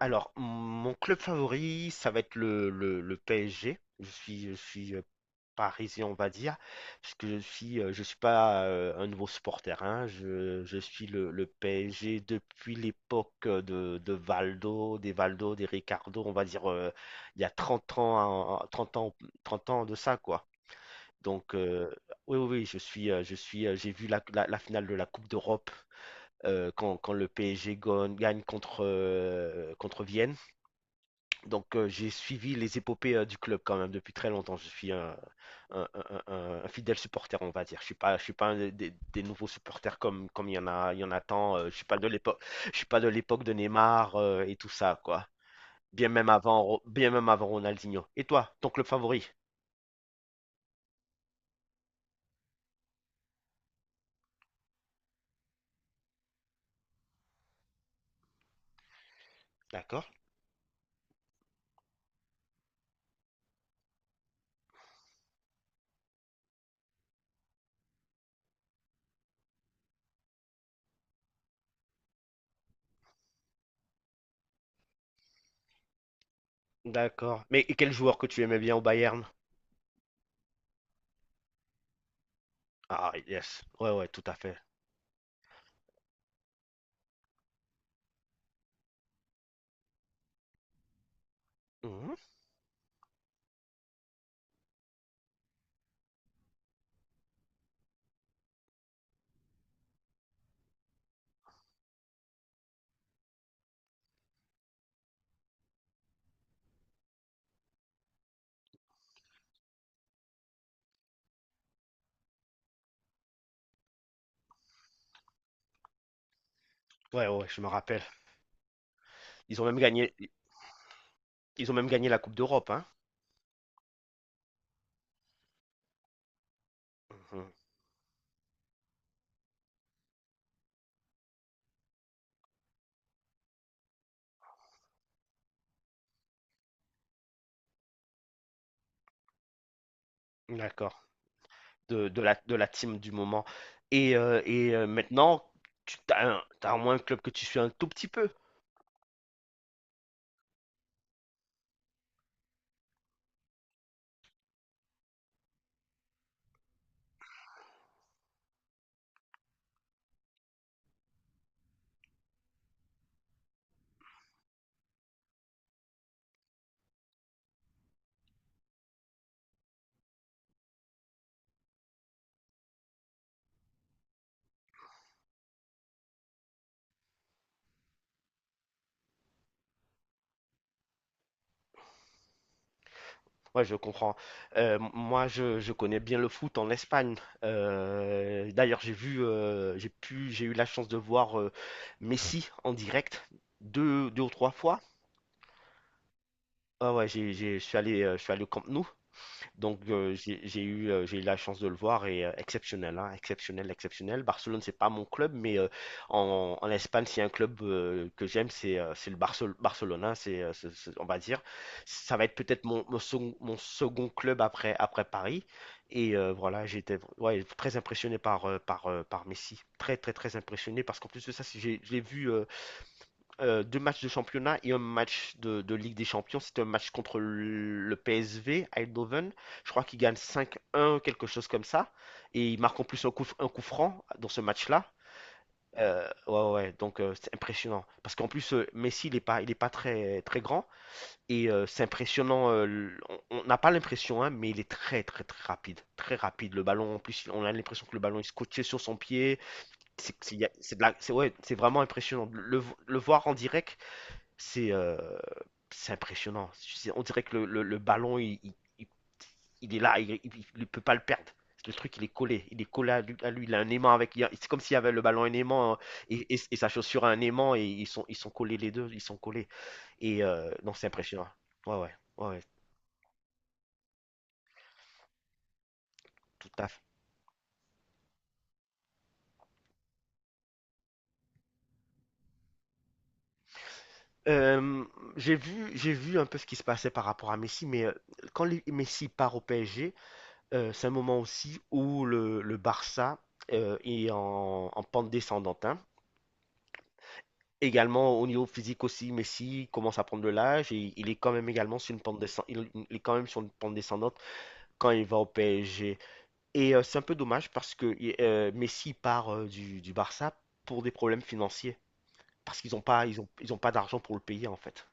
Alors, mon club favori, ça va être le PSG. Je suis parisien, on va dire, parce que je suis pas un nouveau supporter, hein. Je suis le PSG depuis l'époque de Valdo, des Ricardo, on va dire, il y a 30 ans, 30 ans, 30 ans de ça, quoi. Donc, oui, oui, oui, j'ai vu la finale de la Coupe d'Europe, quand, gagne contre, contre Vienne. Donc j'ai suivi les épopées du club quand même depuis très longtemps. Je suis un fidèle supporter, on va dire. Je suis pas un des nouveaux supporters comme il y en a tant. Je suis pas de l'époque de Neymar, et tout ça, quoi. Bien même avant Ronaldinho. Et toi, ton club favori? D'accord, d'accord. Mais et quel joueur que tu aimais bien au Bayern? Ah yes, ouais, ouais, tout à fait. Mhm. Ouais, ouais, je me rappelle. Ils ont même gagné, Ils ont même gagné la Coupe d'Europe, hein. Mhm. D'accord. De la team du moment. Et maintenant, t'as au moins un club que tu suis un tout petit peu. Ouais, je comprends. Moi, je connais bien le foot en Espagne. D'ailleurs, j'ai vu, j'ai pu, j'ai eu la chance de voir Messi en direct deux ou trois fois. Ah ouais, je suis allé au Camp Nou. Donc j'ai eu la chance de le voir, et exceptionnel, hein, exceptionnel, exceptionnel. Barcelone, c'est pas mon club, mais en Espagne, s'il y a un club que j'aime, c'est le Barcelone, hein, on va dire. Ça va être peut-être mon second club après Paris. Et voilà, j'étais, ouais, très impressionné par Messi. Très, très, très impressionné parce qu'en plus de ça, si j'ai- je l'ai vu deux matchs de championnat et un match de Ligue des Champions. C'était un match contre le PSV, Eindhoven. Je crois qu'il gagne 5-1, quelque chose comme ça. Et il marque en plus un coup franc dans ce match-là. Ouais, ouais, ouais. Donc c'est impressionnant. Parce qu'en plus, Messi, il est pas très, très grand. Et c'est impressionnant. On n'a pas l'impression, hein, mais il est très, très, très rapide. Très rapide. Le ballon, en plus, on a l'impression que le ballon est scotché sur son pied. C'est- il y a- c'est de la- c'est- Ouais, c'est vraiment impressionnant. Le voir en direct, c'est euh, c'est impressionnant. On dirait que le ballon, il est là, il ne peut pas le perdre. Le truc, il est collé à lui, à lui. Il a un aimant avec. C'est comme s'il y avait le ballon, un aimant, hein, et sa chaussure a un aimant, et ils sont collés les deux, ils sont collés. Et non, c'est impressionnant. Ouais, ouais, ouais, ouais, tout à fait. Euh, j'ai vu un peu ce qui se passait par rapport à Messi, mais quand Messi part au PSG. C'est un moment aussi où le Barça est en pente descendante, hein. Également au niveau physique aussi, Messi commence à prendre de l'âge et il est quand même également sur une pente descendante. Il est quand même sur une pente descendante quand il va au PSG. Et c'est un peu dommage parce que Messi part du Barça pour des problèmes financiers. Parce qu'ils n'ont pas, ils ont pas d'argent pour le payer en fait.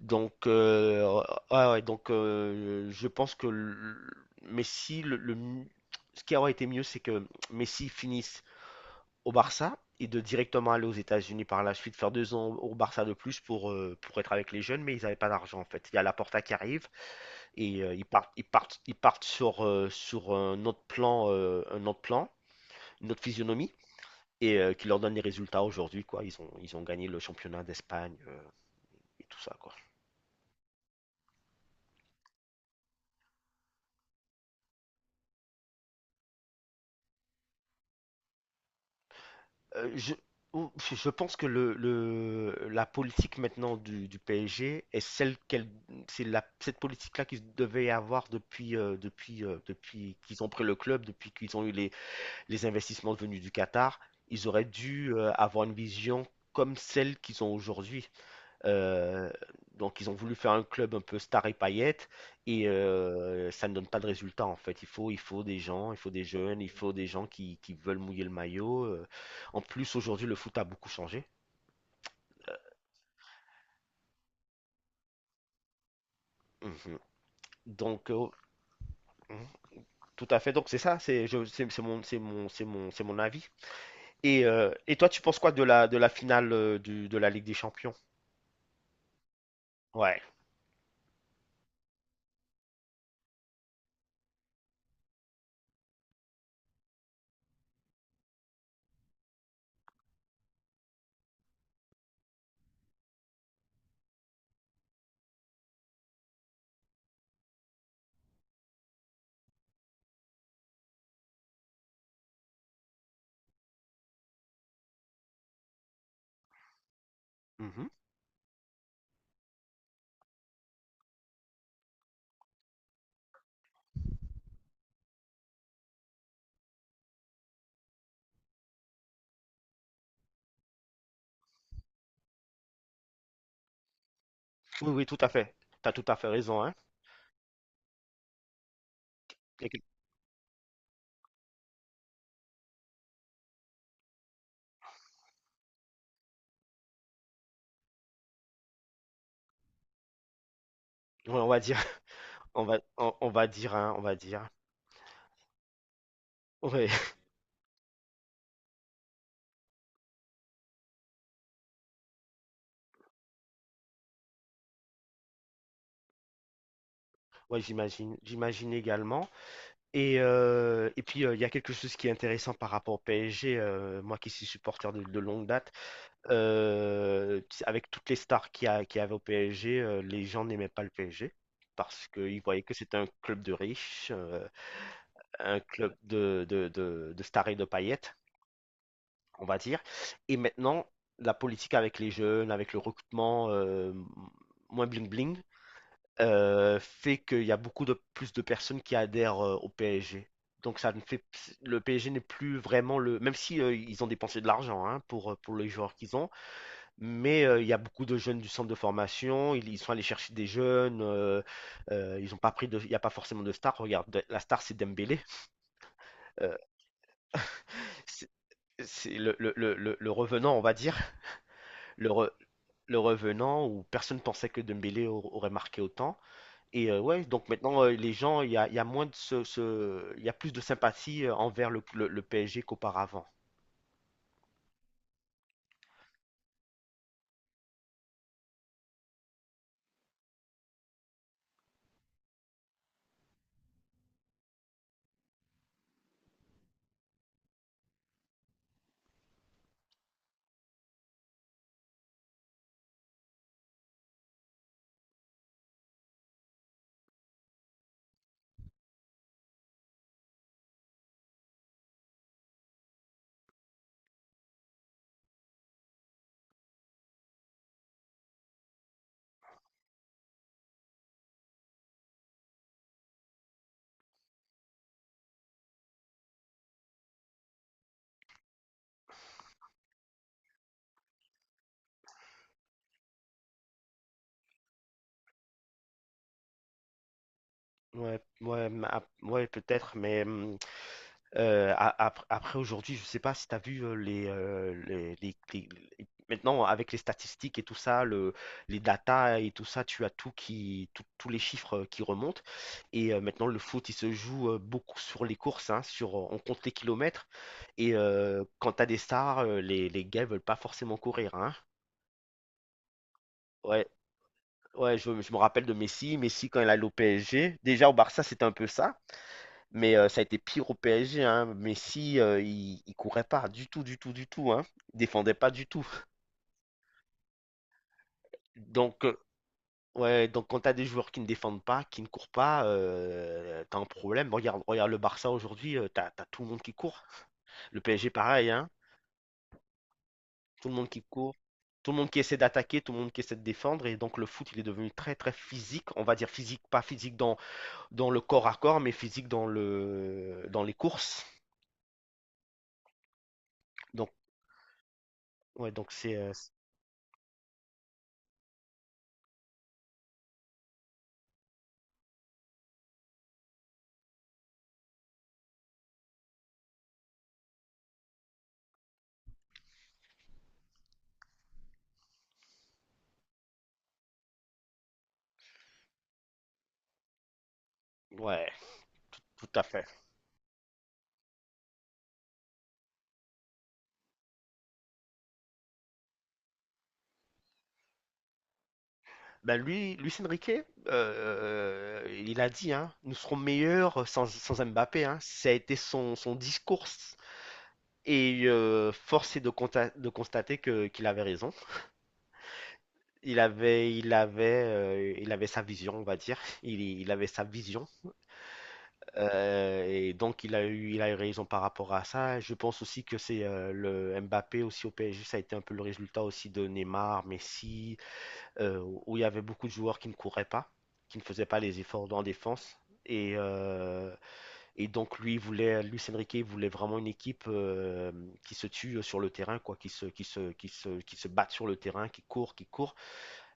Donc, ah ouais, donc je pense que le- Messi, le mi- ce qui aurait été mieux, c'est que Messi finisse au Barça et de directement aller aux États-Unis par la suite, faire 2 ans au Barça de plus pour être avec les jeunes, mais ils n'avaient pas d'argent en fait. Il y a Laporta qui arrive, et ils partent sur un autre plan, une autre physionomie, et qui leur donne des résultats aujourd'hui, quoi. Ils ont gagné le championnat d'Espagne, et tout ça, quoi. Euh, je, je pense que la politique maintenant du PSG est celle qu'elle, c'est la, cette politique-là qu'ils devaient avoir depuis qu'ils ont pris le club, depuis qu'ils ont eu les investissements venus du Qatar. Ils auraient dû avoir une vision comme celle qu'ils ont aujourd'hui. Euh, donc ils ont voulu faire un club un peu star et paillettes, et ça ne donne pas de résultat en fait. Il faut des gens, il faut des jeunes, il faut des gens qui veulent mouiller le maillot. En plus, aujourd'hui, le foot a beaucoup changé. Mhm. Donc mhm, tout à fait. Donc c'est ça, c'est mon avis. Et toi, tu penses quoi de la finale, de la Ligue des Champions? Ouais. Mhm. Oui, oui, tout à fait. T'as tout à fait raison, hein. Et que- ouais, on va dire on va dire, hein, on va dire. Ouais. Ouais, j'imagine également. Et puis, il y a quelque chose qui est intéressant par rapport au PSG. Moi qui suis supporter de longue date, avec toutes les stars qu'il y avait au PSG, les gens n'aimaient pas le PSG parce qu'ils voyaient que c'était un club de riches, un club de stars et de paillettes, on va dire. Et maintenant, la politique avec les jeunes, avec le recrutement, moins bling-bling, fait qu'il y a beaucoup de plus de personnes qui adhèrent, au PSG. Donc ça ne fait Le PSG n'est plus vraiment le même si ils ont dépensé de l'argent, hein, pour les joueurs qu'ils ont, mais il y a beaucoup de jeunes du centre de formation, ils sont allés chercher des jeunes, ils ont pas pris de il n'y a pas forcément de star. Regarde, la star, c'est Dembélé. Euh, c'est c'est le revenant, on va dire, le, re- le revenant où personne pensait que Dembélé aurait marqué autant. Et ouais, donc maintenant, il y a moins de ce, ce- il y a plus de sympathie envers le PSG qu'auparavant. Ouais, ouais, ouais, peut-être, après, aujourd'hui, je ne sais pas si tu as vu maintenant, avec les statistiques et tout ça, les datas et tout ça, tu as tous les chiffres qui remontent. Et maintenant, le foot, il se joue beaucoup sur les courses, hein, on compte les kilomètres. Et quand tu as des stars, les gars veulent pas forcément courir, hein. Ouais, ouais, je me rappelle de Messi. Messi, quand il allait au PSG, déjà au Barça, c'était un peu ça. Mais ça a été pire au PSG, hein. Messi, il courait pas du tout, du tout, du tout, hein. Il défendait pas du tout. Donc, ouais, donc quand t'as des joueurs qui ne défendent pas, qui ne courent pas, t'as un problème. Regarde le Barça aujourd'hui, t'as tout le monde qui court. Le PSG, pareil, hein. Tout le monde qui court. Tout le monde qui essaie d'attaquer, tout le monde qui essaie de défendre. Et donc, le foot, il est devenu très, très physique. On va dire physique, pas physique dans le corps à corps, mais physique dans les courses. Donc, ouais, donc ouais, tout tout à fait. Bah lui, Luis Enrique, il a dit, hein, nous serons meilleurs sans Mbappé, hein. Ça a été son discours. Et force est de constater qu'il avait raison. Il avait sa vision, on va dire. Il avait sa vision. Et donc, il a eu raison par rapport à ça. Je pense aussi que c'est le Mbappé aussi au PSG. Ça a été un peu le résultat aussi de Neymar, Messi, où il y avait beaucoup de joueurs qui ne couraient pas, qui ne faisaient pas les efforts en défense. Et, euh, et donc, Luis Enrique voulait vraiment une équipe qui se tue sur le terrain, quoi, qui se batte sur le terrain, qui court, qui court.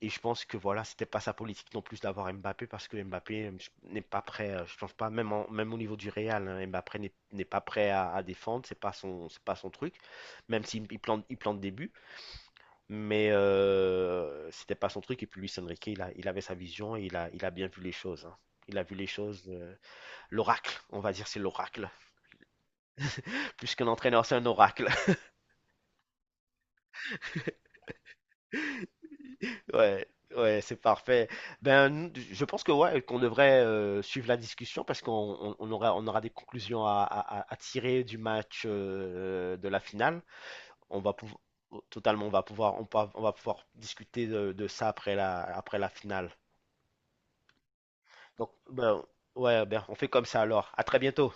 Et je pense que voilà, c'était pas sa politique non plus d'avoir Mbappé parce que Mbappé n'est pas prêt, je pense pas, même, même au niveau du Real, hein, Mbappé n'est pas prêt à défendre, c'est pas son truc. Même s'il il plante des buts, mais c'était pas son truc. Et puis Luis Enrique, il avait sa vision et il a bien vu les choses, hein. Il a vu les choses. L'oracle, on va dire, c'est l'oracle. Plus qu'un entraîneur, c'est un oracle. Ouais, ouais, c'est parfait. Ben, nous, je pense que ouais, qu'on devrait suivre la discussion parce qu'on on aura des conclusions à tirer du match, de la finale. On va pouvoir, totalement, on va pouvoir, on, peut- On va pouvoir discuter de ça après la finale. Donc, ben, ouais, ben, on fait comme ça alors. À très bientôt.